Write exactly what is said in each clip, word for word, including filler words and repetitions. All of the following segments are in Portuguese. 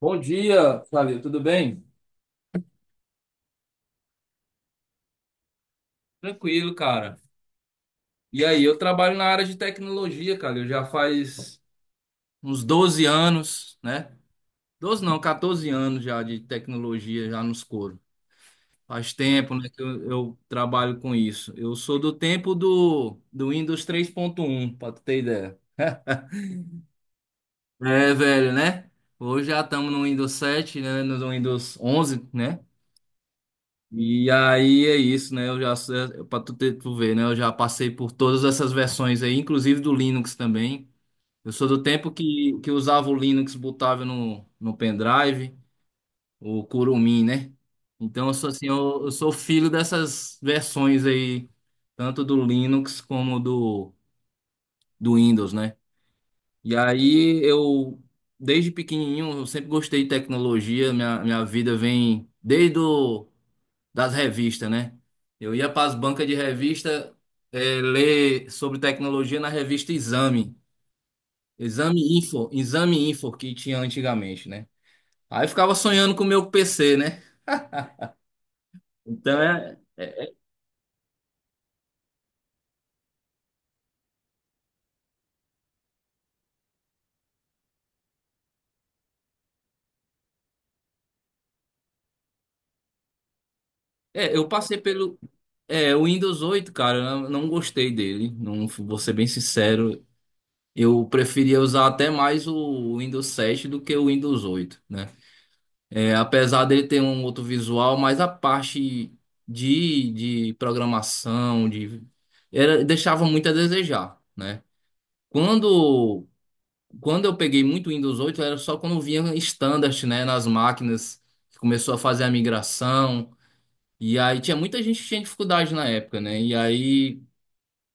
Bom dia, Fábio, tudo bem? Tranquilo, cara. E aí, eu trabalho na área de tecnologia, cara. Eu já faz uns doze anos, né? Doze não, quatorze anos já de tecnologia, já nos coros. Faz tempo, né, que eu, eu trabalho com isso. Eu sou do tempo do, do Windows três ponto um, pra tu ter ideia. É, velho, né? Hoje já estamos no Windows sete, né? No Windows onze, né? E aí é isso, né? Eu já, para tu, ter- tu ver, né? Eu já passei por todas essas versões aí, inclusive do Linux também. Eu sou do tempo que, que usava o Linux, botava no, no pendrive, o Kurumin, né? Então eu sou assim, eu, eu sou filho dessas versões aí, tanto do Linux como do, do Windows, né? E aí eu, desde pequenininho, eu sempre gostei de tecnologia, minha, minha vida vem desde o das revistas, né? Eu ia para as bancas de revista eh, ler sobre tecnologia na revista Exame, Exame Info, Exame Info que tinha antigamente, né? Aí eu ficava sonhando com o meu P C, né? Então é, é, eu passei pelo é, o Windows oito, cara, eu não gostei dele, não vou ser bem sincero. Eu preferia usar até mais o Windows sete do que o Windows oito, né? É, apesar dele ter um outro visual, mas a parte de, de programação, de era, deixava muito a desejar, né? Quando, quando eu peguei muito Windows oito era só quando vinha standard, né, nas máquinas, que começou a fazer a migração, e aí tinha muita gente que tinha dificuldade na época, né? E aí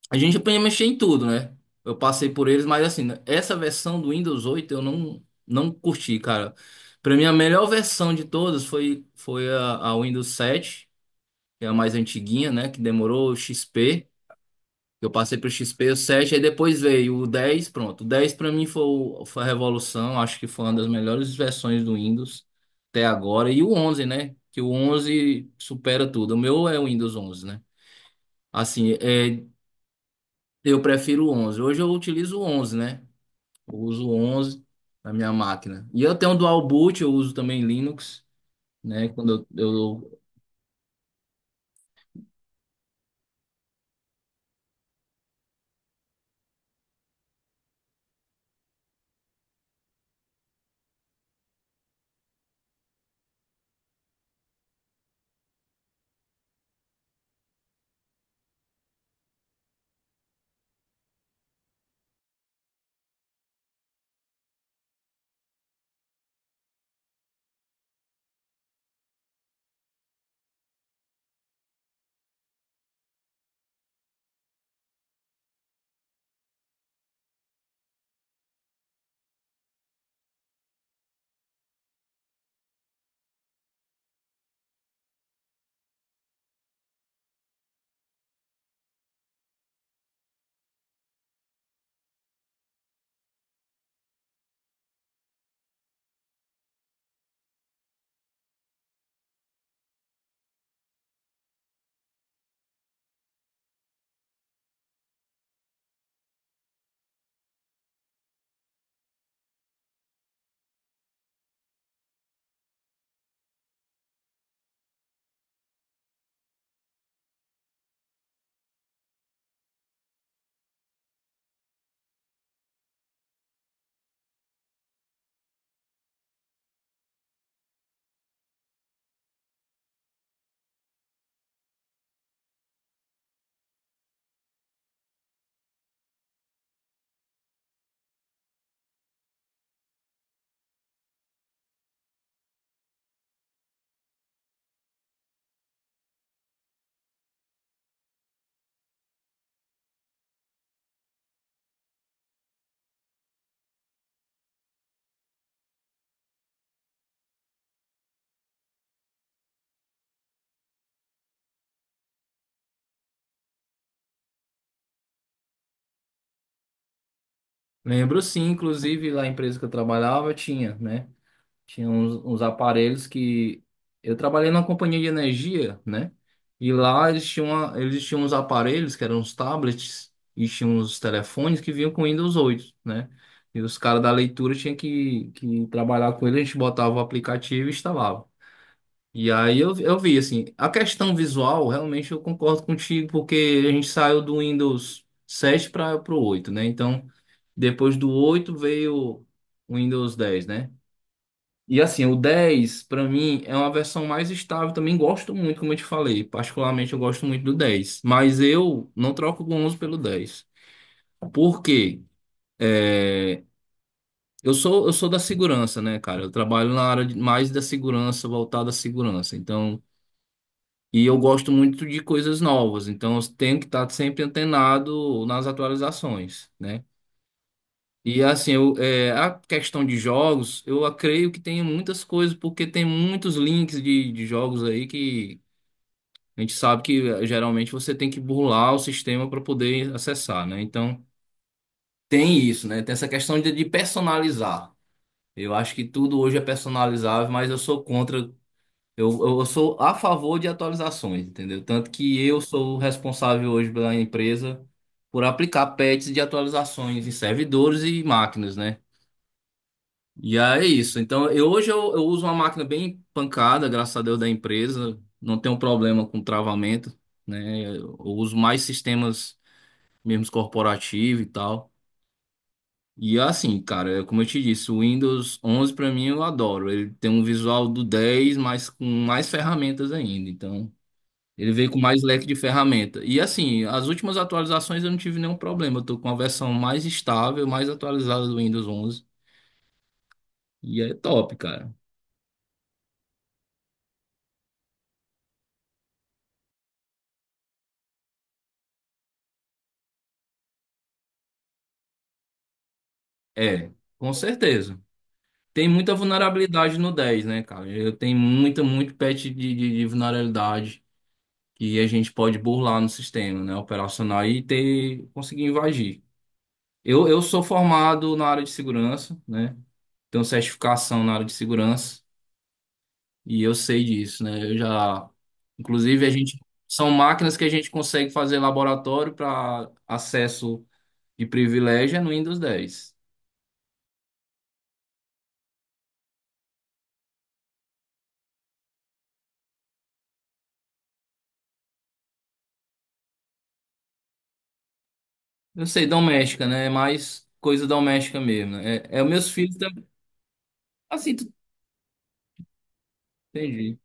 a gente podia mexer em tudo, né? Eu passei por eles, mas assim, né, essa versão do Windows oito eu não, não curti, cara. Pra mim, a melhor versão de todas foi, foi a, a Windows sete, que é a mais antiguinha, né? Que demorou o X P. Eu passei pro X P, o sete aí depois veio o dez pronto. O dez pra mim foi, o- foi a revolução, acho que foi uma das melhores versões do Windows até agora. E o onze, né? Que o onze supera tudo. O meu é o Windows onze, né? Assim, é. Eu prefiro o onze. Hoje eu utilizo o onze, né? Eu uso o onze na minha máquina. E eu tenho um dual boot, eu uso também Linux, né? Quando eu, eu lembro sim, inclusive lá na empresa que eu trabalhava tinha, né? Tinha uns, uns aparelhos que eu trabalhei numa companhia de energia, né? E lá eles tinham, uma- eles tinham uns aparelhos que eram os tablets e tinham os telefones que vinham com Windows oito, né? E os caras da leitura tinham que, que trabalhar com ele, a gente botava o aplicativo e instalava. E aí eu, eu vi, assim, a questão visual, realmente eu concordo contigo, porque a gente saiu do Windows sete para o oito, né? Então, depois do oito veio o Windows dez, né? E assim, o dez, para mim, é uma versão mais estável, também gosto muito, como eu te falei, particularmente eu gosto muito do dez, mas eu não troco o onze pelo dez. Por quê? É, Eu sou, eu sou da segurança, né, cara? Eu trabalho na área de- mais da segurança, voltada à segurança. Então, e eu gosto muito de coisas novas, então eu tenho que estar sempre antenado nas atualizações, né? E assim, eu, é, a questão de jogos, eu a- creio que tem muitas coisas, porque tem muitos links de, de jogos aí que a gente sabe que eh, geralmente você tem que burlar o sistema para poder acessar, né? Então tem isso, né? Tem essa questão de, de personalizar. Eu acho que tudo hoje é personalizável, mas eu sou contra. Eu, eu sou a favor de atualizações, entendeu? Tanto que eu sou o responsável hoje pela empresa por aplicar patches de atualizações em servidores e máquinas, né? E aí é isso. Então, eu, hoje eu, eu uso uma máquina bem pancada, graças a Deus, da empresa. Não tenho problema com travamento, né? Eu uso mais sistemas mesmo corporativos e tal. E assim, cara, é como eu te disse, o Windows onze pra mim eu adoro. Ele tem um visual do dez, mas com mais ferramentas ainda. Então, ele veio com mais leque de ferramenta. E assim, as últimas atualizações eu não tive nenhum problema. Eu tô com a versão mais estável, mais atualizada do Windows onze. E é top, cara. É, com certeza. Tem muita vulnerabilidade no dez, né, cara? Eu tenho muita, muito patch de, de, de vulnerabilidade que a gente pode burlar no sistema, né, operacional e ter, conseguir invadir. Eu, eu sou formado na área de segurança, né? Tenho certificação na área de segurança. E eu sei disso, né? Eu já, inclusive, a gente são máquinas que a gente consegue fazer laboratório para acesso de privilégio é no Windows dez. Eu sei, doméstica, né? É mais coisa doméstica mesmo, né? É, é os meus filhos também. Assim, tu... entendi.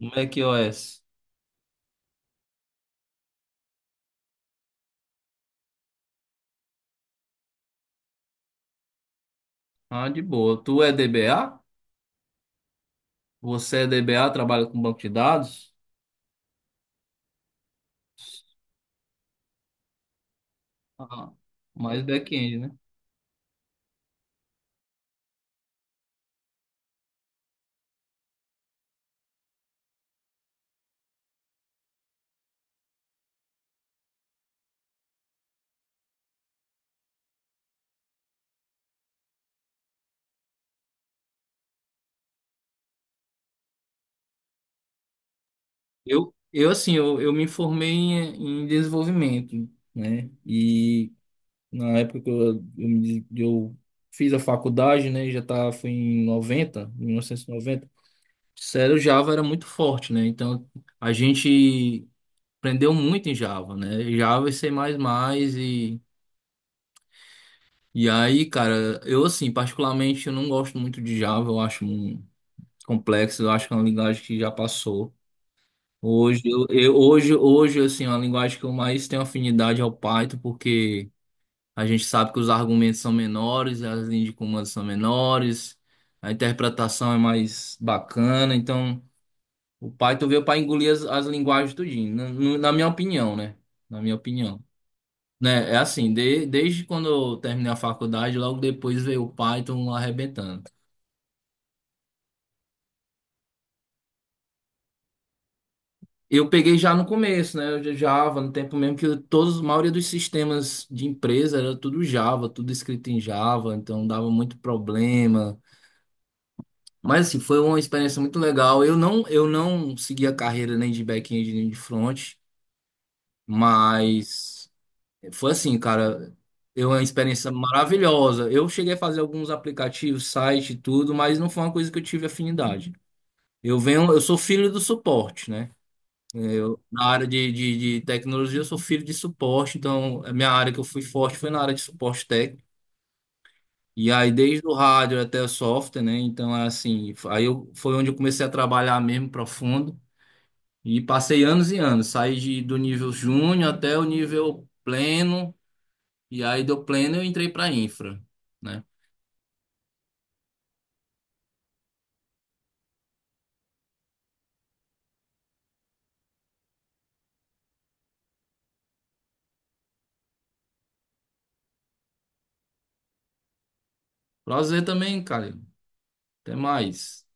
macOS. Ah, de boa. Tu é D B A? Você é D B A, trabalha com banco de dados? Ah, mais back-end, né? Eu, eu assim, eu, eu me formei em, em desenvolvimento, né? E na época que eu, eu, me- eu fiz a faculdade, né? Já tá, foi em noventa, mil novecentos e noventa. Sério, o Java era muito forte, né? Então, a gente aprendeu muito em Java, né? Java e C++ e... E aí, cara, eu assim, particularmente, eu não gosto muito de Java. Eu acho um- complexo, eu acho que é uma linguagem que já passou. Hoje, eu, eu- hoje, hoje, assim, é uma linguagem que eu mais tenho afinidade ao Python, porque... A gente sabe que os argumentos são menores, as linhas de comando são menores, a interpretação é mais bacana. Então, o Python veio para engolir as, as linguagens tudinho, na, no- na minha opinião, né? Na minha opinião. Né? É assim, de- desde quando eu terminei a faculdade, logo depois veio o Python arrebentando. Eu peguei já no começo, né? Eu já Java, no tempo mesmo que eu- todos, a maioria dos sistemas de empresa era tudo Java, tudo escrito em Java, então dava muito problema. Mas assim, foi uma experiência muito legal. Eu não, eu não segui a carreira nem de back-end nem de front, mas foi assim, cara, eu uma experiência maravilhosa. Eu cheguei a fazer alguns aplicativos, site e tudo, mas não foi uma coisa que eu tive afinidade. Eu venho, eu sou filho do suporte, né? Eu, na área de, de, de tecnologia, eu sou filho de suporte, então a minha área que eu fui forte foi na área de suporte técnico. E aí, desde o hardware até o software, né? Então, é assim, aí eu, foi onde eu comecei a trabalhar mesmo profundo. E passei anos e anos, saí de, do nível júnior até o nível pleno, e aí do pleno eu entrei para infra, né? Prazer também, cara. Até mais.